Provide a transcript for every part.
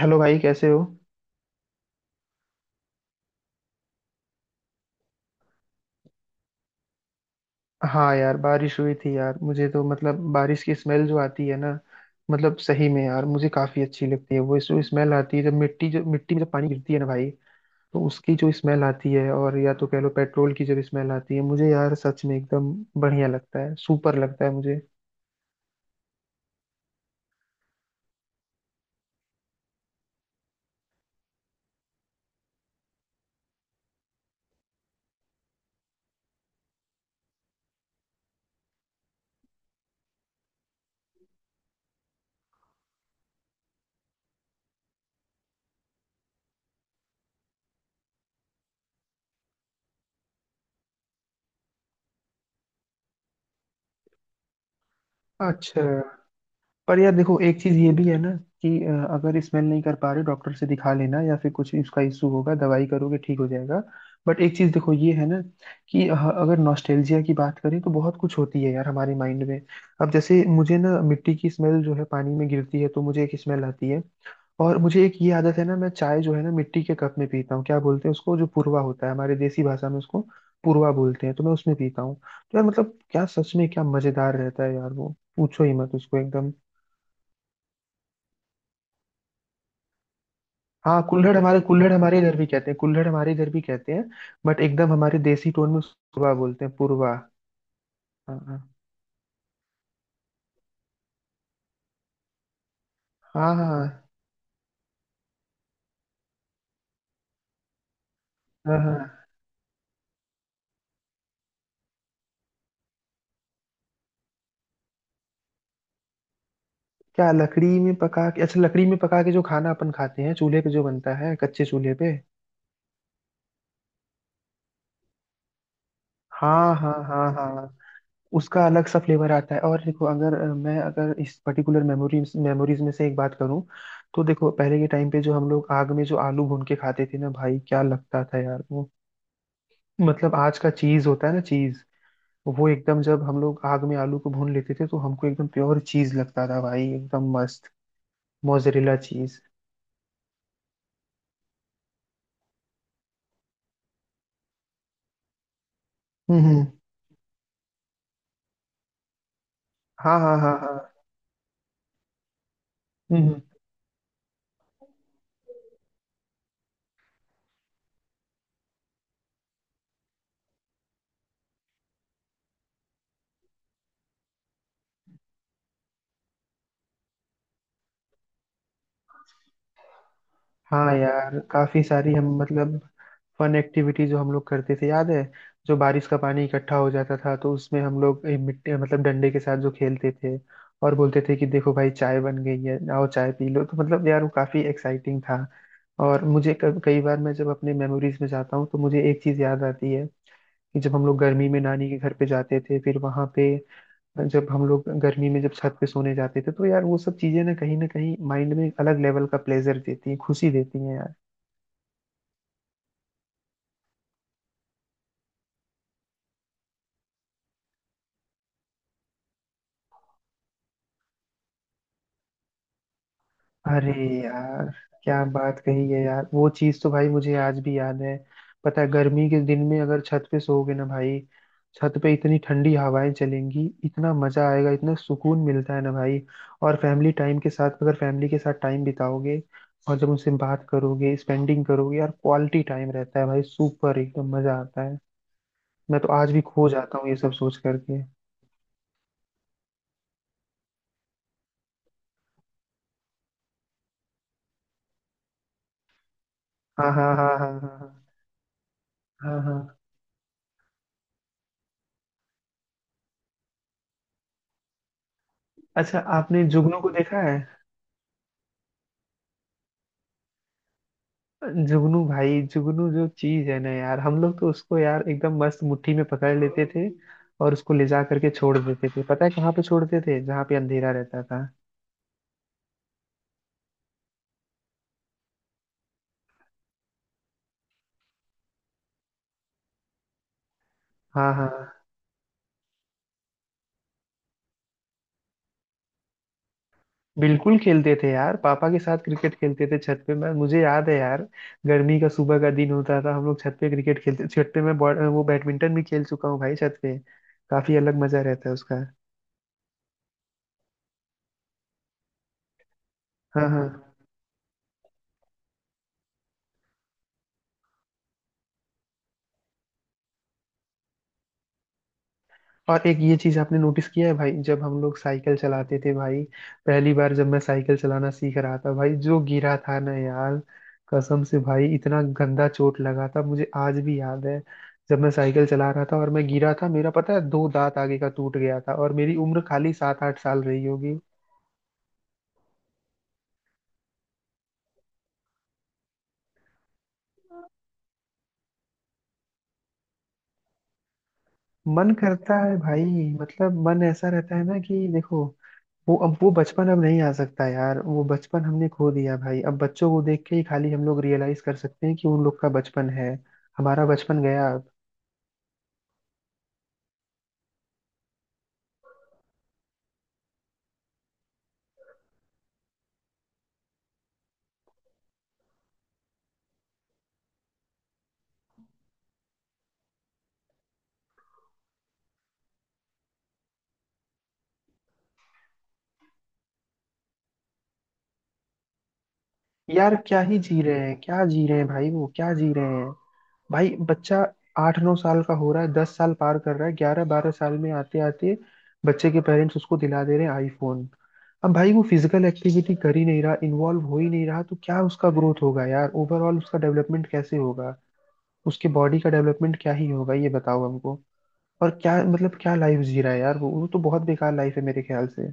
Hello भाई, कैसे हो। हाँ यार, बारिश हुई थी यार। मुझे तो मतलब बारिश की स्मेल जो आती है ना, मतलब सही में यार मुझे काफी अच्छी लगती है। वो जो स्मेल आती है जब मिट्टी में जब पानी गिरती है ना भाई, तो उसकी जो स्मेल आती है। और या तो कह लो पेट्रोल की जब स्मेल आती है, मुझे यार सच में एकदम बढ़िया लगता है, सुपर लगता है मुझे। अच्छा। पर यार देखो, एक चीज ये भी है ना कि अगर स्मेल नहीं कर पा रहे डॉक्टर से दिखा लेना, या फिर कुछ इसका इशू होगा दवाई करोगे ठीक हो जाएगा। बट एक चीज देखो ये है ना कि अगर नॉस्टैल्जिया की बात करें तो बहुत कुछ होती है यार हमारे माइंड में। अब जैसे मुझे ना मिट्टी की स्मेल जो है पानी में गिरती है तो मुझे एक स्मेल आती है। और मुझे एक ये आदत है ना, मैं चाय जो है ना मिट्टी के कप में पीता हूँ। क्या बोलते हैं उसको, जो पूर्वा होता है हमारे देसी भाषा में, उसको पूर्वा बोलते हैं। तो मैं उसमें पीता हूँ, तो यार मतलब क्या सच में क्या मजेदार रहता है यार, वो पूछो ही मत उसको एकदम। हाँ, कुल्हड़ हमारे इधर भी कहते हैं, कुल्हड़ हमारे इधर भी कहते हैं। बट एकदम हमारे देसी टोन में पुरवा बोलते हैं, पुरवा। हाँ, हाँ। हाँ, हाँ। हाँ। हाँ। क्या लकड़ी में पका के, अच्छा लकड़ी में पका के जो खाना अपन खाते हैं चूल्हे पे जो बनता है, कच्चे चूल्हे पे। हाँ, हाँ, हाँ, हाँ। उसका अलग सा फ्लेवर आता है। और देखो अगर मैं अगर इस पर्टिकुलर मेमोरीज मेमोरीज में से एक बात करूं, तो देखो पहले के टाइम पे जो हम लोग आग में जो आलू भून के खाते थे ना भाई, क्या लगता था यार वो। मतलब आज का चीज होता है ना, चीज। वो एकदम जब हम लोग आग में आलू को भून लेते थे, तो हमको एकदम प्योर चीज लगता था भाई, एकदम मस्त मोजरेला चीज। हम्म हम्म, हाँ, हाँ, हाँ, हाँ। हम्म, हाँ यार, काफी सारी हम मतलब फन एक्टिविटी जो हम लोग करते थे याद है। जो बारिश का पानी इकट्ठा हो जाता था तो उसमें हम लोग मिट्टी मतलब डंडे के साथ जो खेलते थे, और बोलते थे कि देखो भाई चाय बन गई है, आओ चाय पी लो। तो मतलब यार वो काफी एक्साइटिंग था। और मुझे कई बार मैं जब अपने मेमोरीज में जाता हूँ, तो मुझे एक चीज याद आती है कि जब हम लोग गर्मी में नानी के घर पे जाते थे, फिर वहां पे जब हम लोग गर्मी में जब छत पे सोने जाते थे, तो यार वो सब चीजें ना कहीं माइंड में एक अलग लेवल का प्लेजर देती हैं, खुशी देती हैं यार। अरे यार, क्या बात कही है यार। वो चीज तो भाई मुझे आज भी याद है। पता है गर्मी के दिन में अगर छत पे सोओगे ना भाई, छत पे इतनी ठंडी हवाएं चलेंगी, इतना मजा आएगा, इतना सुकून मिलता है ना भाई। और फैमिली टाइम के साथ, अगर फैमिली के साथ टाइम बिताओगे और जब उनसे बात करोगे, स्पेंडिंग करोगे यार, क्वालिटी टाइम रहता है भाई, सुपर एकदम मजा आता है। मैं तो आज भी खो जाता हूँ ये सब सोच करके। हाँ, हाँ, हाँ, हाँ, हाँ। हाँ, हाँ, हाँ। अच्छा, आपने जुगनू को देखा। जुगनू भाई, जुगनू जो चीज है ना यार, हम लोग तो उसको यार एकदम मस्त मुट्ठी में पकड़ लेते थे, और उसको ले जा करके छोड़ देते थे। पता है कहाँ पे छोड़ते थे? जहाँ पे अंधेरा रहता था। हाँ, हाँ। बिल्कुल खेलते थे यार, पापा के साथ क्रिकेट खेलते थे छत पे, मैं मुझे याद है यार। गर्मी का सुबह का दिन होता था, हम लोग छत पे क्रिकेट खेलते छत पे, मैं वो बैडमिंटन भी खेल चुका हूँ भाई छत पे। काफी अलग मजा रहता है उसका। हाँ, हाँ। और एक ये चीज आपने नोटिस किया है भाई, जब हम लोग साइकिल चलाते थे भाई। पहली बार जब मैं साइकिल चलाना सीख रहा था भाई, जो गिरा था ना यार, कसम से भाई इतना गंदा चोट लगा था, मुझे आज भी याद है। जब मैं साइकिल चला रहा था और मैं गिरा था, मेरा पता है दो दांत आगे का टूट गया था, और मेरी उम्र खाली 7 8 साल रही होगी। मन करता है भाई। मतलब मन ऐसा रहता है ना कि देखो, वो अब वो बचपन अब नहीं आ सकता यार, वो बचपन हमने खो दिया भाई। अब बच्चों को देख के ही खाली हम लोग रियलाइज कर सकते हैं कि उन लोग का बचपन है, हमारा बचपन गया अब। यार क्या ही जी रहे हैं, क्या जी रहे हैं भाई, वो क्या जी रहे हैं। भाई बच्चा 8 9 साल का हो रहा है, 10 साल पार कर रहा है, 11 12 साल में आते आते बच्चे के पेरेंट्स उसको दिला दे रहे हैं आईफोन। अब भाई वो फिजिकल एक्टिविटी कर ही नहीं रहा, इन्वॉल्व हो ही नहीं रहा, तो क्या उसका ग्रोथ होगा यार, ओवरऑल उसका डेवलपमेंट कैसे होगा? उसके बॉडी का डेवलपमेंट क्या ही होगा, ये बताओ हमको। और क्या मतलब क्या लाइफ जी रहा है यार वो तो बहुत बेकार लाइफ है मेरे ख्याल से।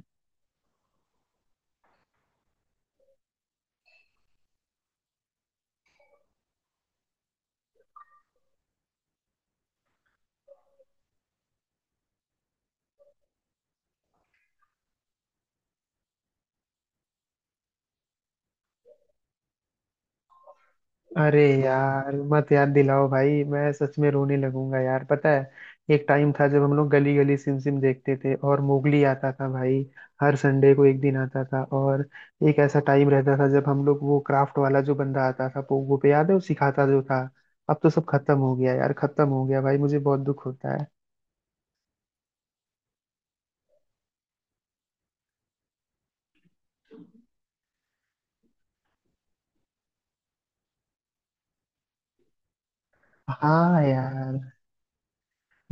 अरे यार मत याद दिलाओ भाई, मैं सच में रोने लगूंगा यार। पता है, एक टाइम था जब हम लोग गली गली सिम सिम देखते थे, और मोगली आता था भाई, हर संडे को एक दिन आता था। और एक ऐसा टाइम रहता था जब हम लोग वो क्राफ्ट वाला जो बंदा आता था पोगो पे, याद है वो सिखाता जो था। अब तो सब खत्म हो गया यार, खत्म हो गया भाई, मुझे बहुत दुख होता है। हाँ यार।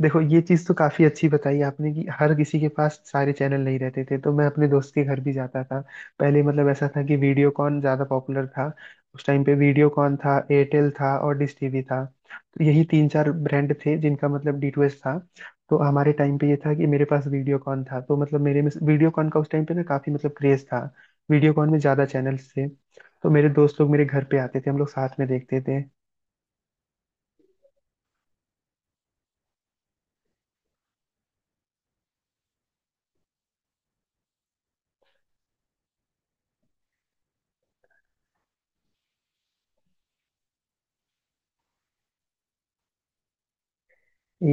देखो ये चीज तो काफी अच्छी बताई आपने कि हर किसी के पास सारे चैनल नहीं रहते थे, तो मैं अपने दोस्त के घर भी जाता था। पहले मतलब ऐसा था कि वीडियोकॉन ज्यादा पॉपुलर था। उस टाइम पे वीडियोकॉन था, एयरटेल था, और डिश टीवी था। तो यही 3 4 ब्रांड थे जिनका मतलब DTH था। तो हमारे टाइम पे ये था कि मेरे पास वीडियोकॉन था, तो मतलब मेरे में वीडियोकॉन का उस टाइम पे ना काफी मतलब क्रेज था, वीडियोकॉन में ज्यादा चैनल्स थे। तो मेरे दोस्त लोग मेरे घर पे आते थे, हम लोग साथ में देखते थे।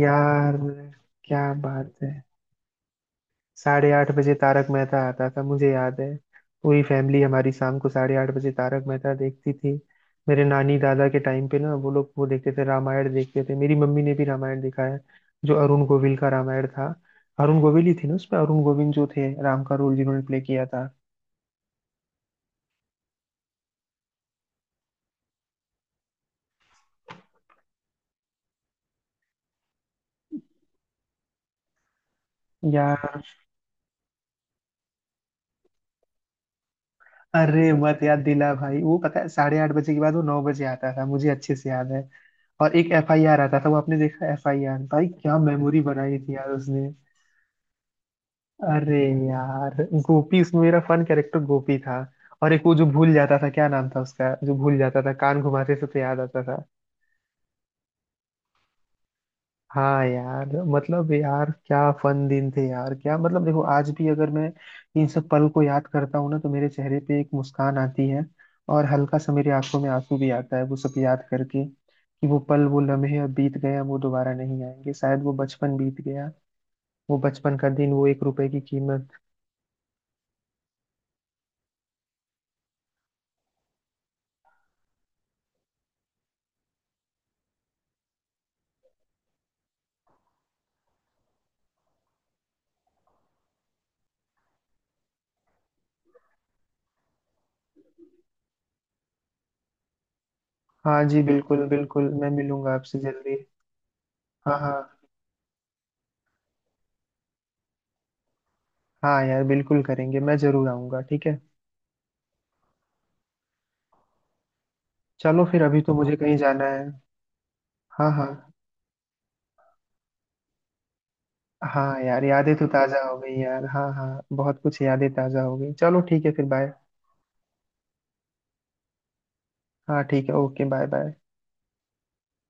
यार क्या बात है। साढ़े आठ बजे तारक मेहता आता था, मुझे याद है। पूरी फैमिली हमारी शाम को 8:30 बजे तारक मेहता देखती थी। मेरे नानी दादा के टाइम पे ना वो लोग वो देखते थे, रामायण देखते थे। मेरी मम्मी ने भी रामायण देखा है, जो अरुण गोविल का रामायण था। अरुण गोविल ही थे ना उसमें, अरुण गोविंद जो थे, राम का रोल जिन्होंने प्ले किया था। यार अरे मत याद दिला भाई, वो पता है 8:30 बजे के बाद वो 9 बजे आता था, मुझे अच्छे से याद है। और एक FIR आता था, वो आपने देखा FIR भाई, क्या मेमोरी बनाई थी यार उसने। अरे यार, गोपी, उसमें मेरा फन कैरेक्टर गोपी था। और एक वो जो भूल जाता था, क्या नाम था उसका, जो भूल जाता था कान घुमाते से तो याद आता था। हाँ यार, मतलब यार क्या फन दिन थे यार। क्या मतलब देखो, आज भी अगर मैं इन सब पल को याद करता हूँ ना, तो मेरे चेहरे पे एक मुस्कान आती है, और हल्का सा मेरी आंखों में आंसू भी आता है वो सब याद करके, कि वो पल वो लम्हे अब बीत गए, अब वो दोबारा नहीं आएंगे, शायद वो बचपन बीत गया। वो बचपन का दिन वो 1 रुपए की कीमत। हाँ जी, बिल्कुल, बिल्कुल, मैं मिलूंगा आपसे जल्दी। हाँ, हाँ। हाँ यार बिल्कुल करेंगे, मैं जरूर आऊंगा, ठीक है। चलो फिर, अभी तो मुझे कहीं जाना है। हाँ, हाँ। हाँ यार, यादें तो ताज़ा हो गई यार, हाँ हाँ बहुत कुछ यादें ताज़ा हो गई। चलो ठीक है फिर, बाय। हाँ ठीक है, ओके बाय बाय।